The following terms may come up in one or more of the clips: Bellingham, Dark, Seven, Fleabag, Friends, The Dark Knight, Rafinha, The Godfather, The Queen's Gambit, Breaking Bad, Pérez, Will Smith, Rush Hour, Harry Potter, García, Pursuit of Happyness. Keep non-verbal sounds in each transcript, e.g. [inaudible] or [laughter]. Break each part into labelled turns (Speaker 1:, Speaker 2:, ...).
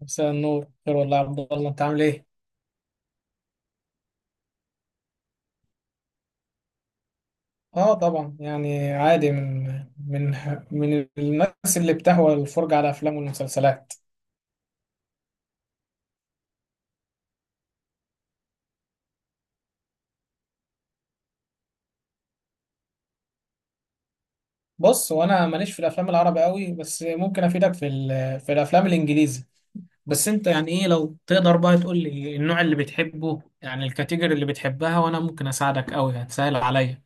Speaker 1: مساء النور، خير والله يا عبد الله. انت عامل ايه؟ اه طبعا، يعني عادي، من من الناس اللي بتهوى الفرجة على الافلام والمسلسلات. بص، وانا ماليش في الافلام العربي قوي، بس ممكن افيدك في الافلام الانجليزي. بس انت يعني ايه، لو تقدر بقى تقول لي النوع اللي بتحبه، يعني الكاتيجوري اللي بتحبها، وانا ممكن اساعدك قوي، هتسهل عليا.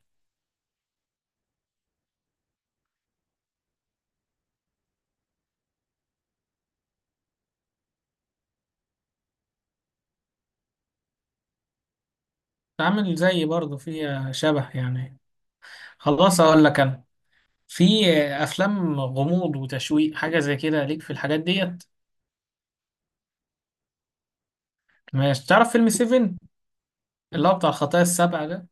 Speaker 1: تعمل زيي برضه، فيها شبه يعني. خلاص اقول لك انا، في افلام غموض وتشويق، حاجة زي كده، ليك في الحاجات ديت؟ ماشي، تعرف فيلم سيفن، اللي هو بتاع الخطايا السبع ده؟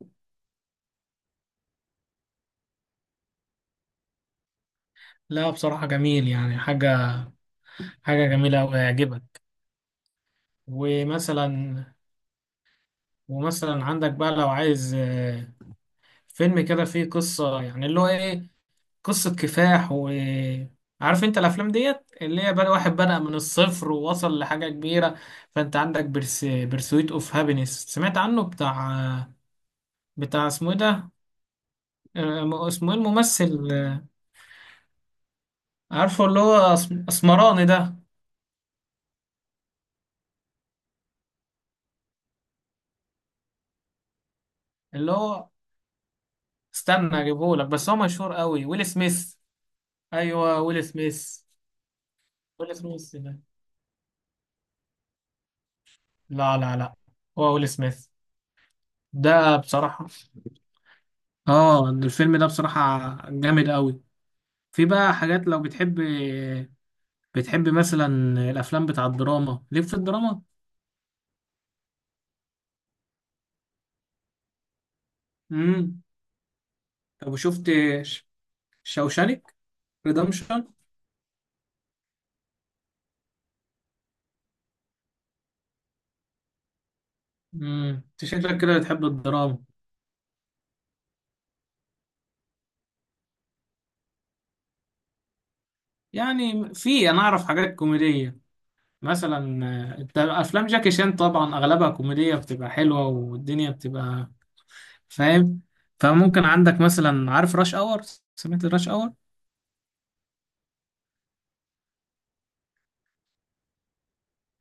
Speaker 1: لا بصراحة جميل، يعني حاجة جميلة أوي، هيعجبك. ومثلا ومثلا عندك بقى، لو عايز فيلم كده فيه قصة، يعني اللي هو إيه، قصة كفاح، و عارف انت الافلام ديت اللي هي بقى واحد بدأ من الصفر ووصل لحاجة كبيرة. فانت عندك برسويت اوف هابينس، سمعت عنه؟ بتاع اسمه ايه ده، اسمه ايه الممثل؟ عارفه اللي هو اسمراني ده، اللي هو، استنى اجيبهولك. بس هو مشهور قوي، ويل سميث. ايوه ويل سميث. ويل سميث ده، لا لا لا، هو ويل سميث. ده بصراحة، اه الفيلم ده بصراحة جامد قوي. في بقى حاجات، لو بتحب مثلا الافلام بتاع الدراما، ليك في الدراما؟ امم طب شفت شوشانك ريدمشن؟ انت شكلك كده بتحب الدراما. يعني في، انا اعرف حاجات كوميدية، مثلا انت افلام جاكي شان طبعا اغلبها كوميديه، بتبقى حلوه والدنيا بتبقى فاهم. فممكن عندك مثلا، عارف راش اور؟ سمعت راش اور؟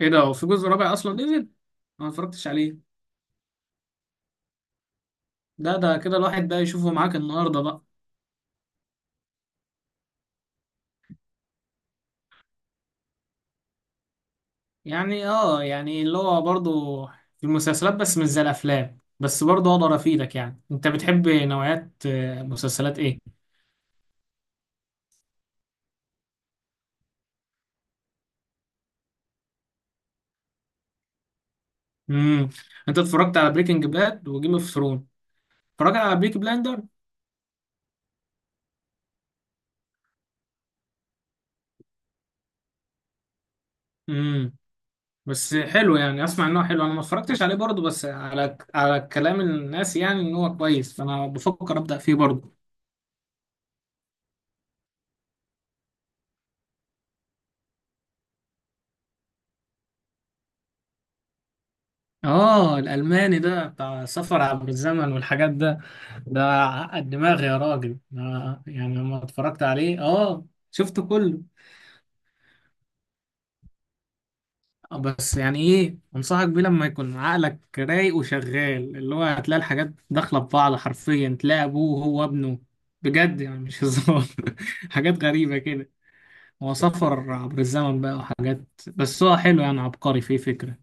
Speaker 1: ايه ده، هو في جزء رابع اصلا نزل؟ انا ما اتفرجتش عليه. ده كده الواحد بقى يشوفه معاك النهارده بقى. يعني يعني اللي هو برضه، في المسلسلات، بس مش زي الافلام، بس برضه اقدر افيدك. يعني انت بتحب نوعيات مسلسلات ايه؟ امم انت اتفرجت على بريكنج باد وجيم اوف ثرون؟ اتفرجت على بيكي بلاندر؟ بس حلو يعني، اسمع ان هو حلو، انا ما اتفرجتش عليه برضه، بس على كلام الناس يعني ان هو كويس، فانا بفكر ابدا فيه برضه. اه الالماني ده بتاع سفر عبر الزمن والحاجات ده؟ ده عقد دماغي يا راجل، أنا يعني لما اتفرجت عليه شفته كله. بس يعني ايه، انصحك بيه لما يكون عقلك رايق وشغال، اللي هو هتلاقي الحاجات داخله في بعض، حرفيا تلاقي ابوه وهو ابنه. بجد يعني، مش هزار. [laughs] حاجات غريبه كده. هو سفر عبر الزمن بقى وحاجات، بس هو حلو يعني، عبقري، فيه فكرة.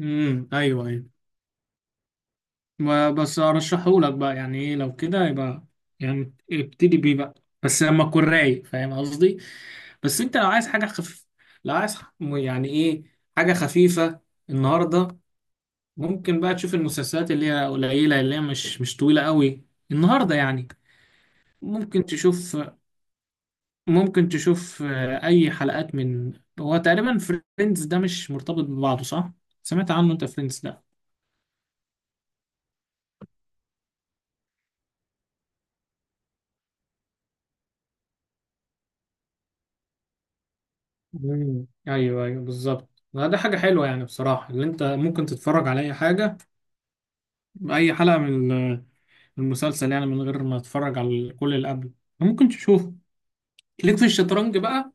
Speaker 1: امم، ايوه ايوه. بس ارشحهولك بقى، يعني ايه، لو كده يبقى يعني ابتدي بيه بقى، بس لما تكون رايق، فاهم قصدي؟ بس انت لو عايز حاجة خفيفة، لو عايز يعني ايه، حاجة خفيفة النهاردة، ممكن بقى تشوف المسلسلات اللي هي قليلة، اللي هي مش طويلة قوي، النهاردة يعني. ممكن تشوف ممكن تشوف اي حلقات من، هو تقريبا فريندز ده مش مرتبط ببعضه صح؟ سمعت عنه انت فريندز ده؟ مم. ايوه ايوه بالظبط. لا، ده حاجه حلوه يعني بصراحه، اللي انت ممكن تتفرج على اي حاجه، اي حلقه من المسلسل يعني، من غير ما تتفرج على كل اللي قبله. ممكن تشوفه. ليك في الشطرنج بقى؟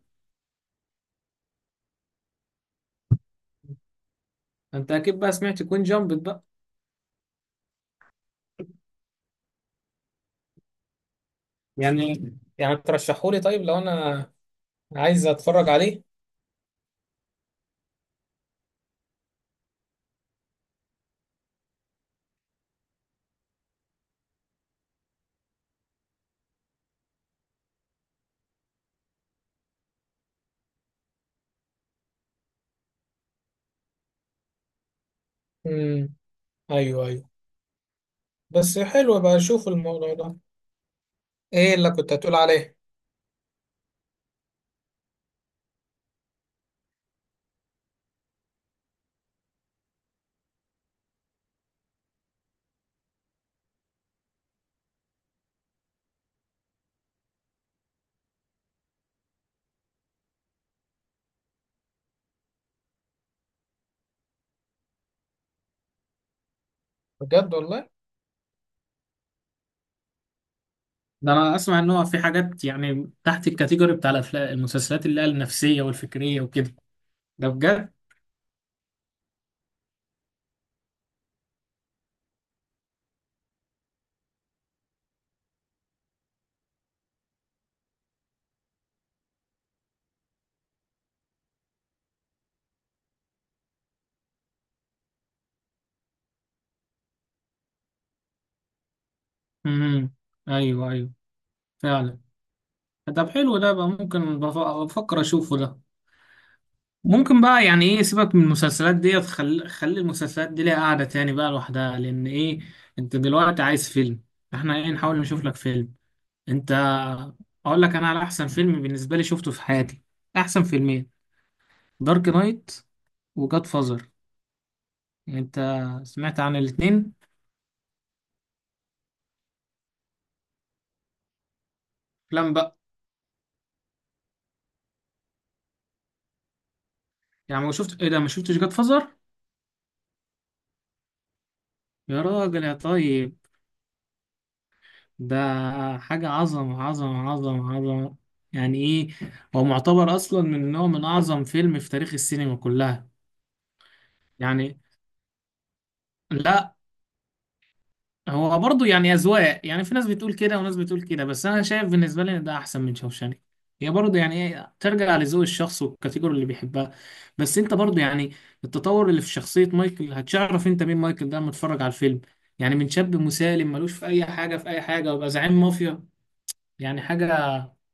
Speaker 1: انت اكيد بقى سمعت كوين جامبت بقى. يعني يعني ترشحولي طيب لو انا عايز اتفرج عليه؟ امم، ايوه ايوه. بس حلو بقى، اشوف الموضوع ده. ايه اللي كنت هتقول عليه؟ بجد والله؟ ده انا اسمع ان هو في حاجات يعني تحت الكاتيجوري بتاع الافلام المسلسلات اللي هي النفسيه والفكريه وكده. ده بجد. امم، ايوه ايوه، فعلا. طب حلو، ده بقى ممكن، بفكر اشوفه ده. ممكن بقى يعني ايه، سيبك من المسلسلات ديت، خلي خلي المسلسلات دي ليها قاعده تاني بقى لوحدها، لان ايه، انت دلوقتي عايز فيلم. احنا ايه، نحاول نشوف لك فيلم. انت، اقول لك انا على احسن فيلم بالنسبه لي شفته في حياتي، احسن فيلمين: دارك نايت وجاد فازر. انت سمعت عن الاتنين؟ افلام بقى. يعني ما شفت ايه ده، ما شفتش جاد فازر؟ يا راجل يا طيب. ده حاجة، عظمة عظمة عظمة عظمة. يعني ايه، هو معتبر اصلا من نوع، من اعظم فيلم في تاريخ السينما كلها. يعني لا، هو برضه يعني أذواق، يعني في ناس بتقول كده وناس بتقول كده، بس أنا شايف بالنسبة لي إن ده أحسن من شوشانك. هي برضه يعني إيه، ترجع لذوق الشخص والكاتيجوري اللي بيحبها. بس أنت برضه، يعني التطور اللي في شخصية مايكل، هتعرف أنت مين مايكل ده لما تتفرج على الفيلم. يعني من شاب مسالم ملوش في أي حاجة، ويبقى زعيم مافيا. يعني حاجة،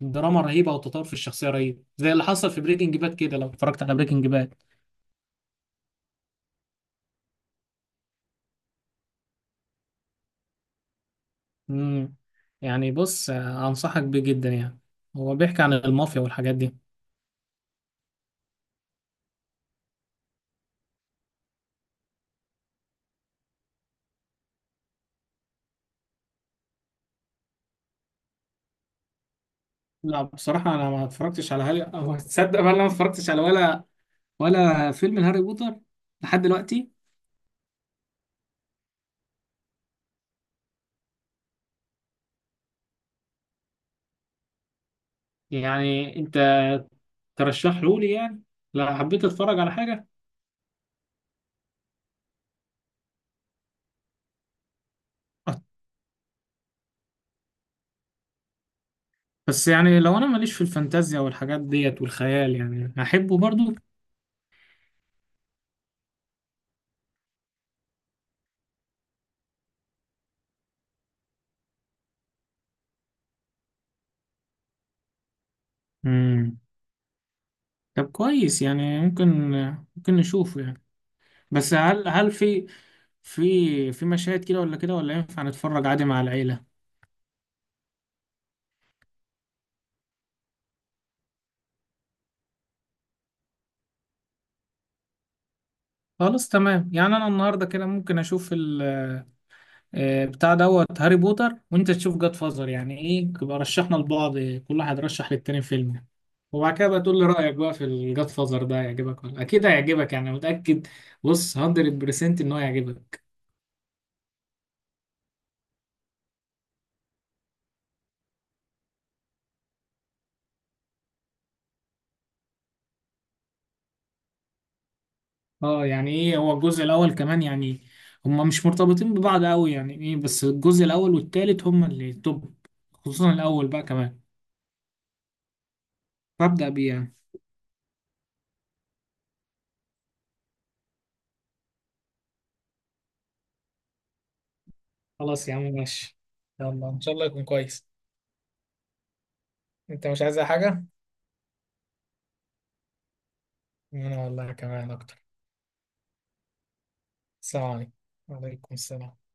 Speaker 1: دراما رهيبة، وتطور في الشخصية رهيب، زي اللي حصل في بريكنج باد كده، لو اتفرجت على بريكنج باد. امم يعني بص، أنصحك بيه جدا يعني، هو بيحكي عن المافيا والحاجات دي. لا بصراحة، أنا ما اتفرجتش على هاري، أو تصدق بقى، أنا ما اتفرجتش على ولا فيلم هاري بوتر لحد دلوقتي. يعني أنت ترشحه لي يعني؟ لا، حبيت أتفرج على حاجة. أه، بس يعني لو أنا ماليش في الفانتازيا والحاجات ديت والخيال، يعني هحبه برضو؟ امم طب كويس يعني، ممكن نشوفه يعني. بس هل في مشاهد كده ولا كده، ولا ينفع نتفرج عادي مع العيلة؟ خلاص تمام، يعني أنا النهاردة كده ممكن أشوف ال آه، بتاع دوت هاري بوتر، وانت تشوف جاد فازر، يعني ايه يبقى رشحنا لبعض، كل واحد رشح للتاني فيلم يعني. وبعد كده بقى تقول لي رأيك بقى في الجاد فازر ده، هيعجبك، ولا اكيد هيعجبك يعني، متأكد. بص 100% ان هو هيعجبك. اه يعني ايه، هو الجزء الاول كمان يعني، هما مش مرتبطين ببعض قوي، يعني ايه، بس الجزء الاول والتالت هما اللي توب، خصوصا الاول بقى كمان، فابدأ بيه يعني. خلاص يا عم، ماشي. يلا ان شاء الله يكون كويس. انت مش عايز أي حاجه؟ انا والله كمان اكتر. السلام عليكم. وعليكم السلام.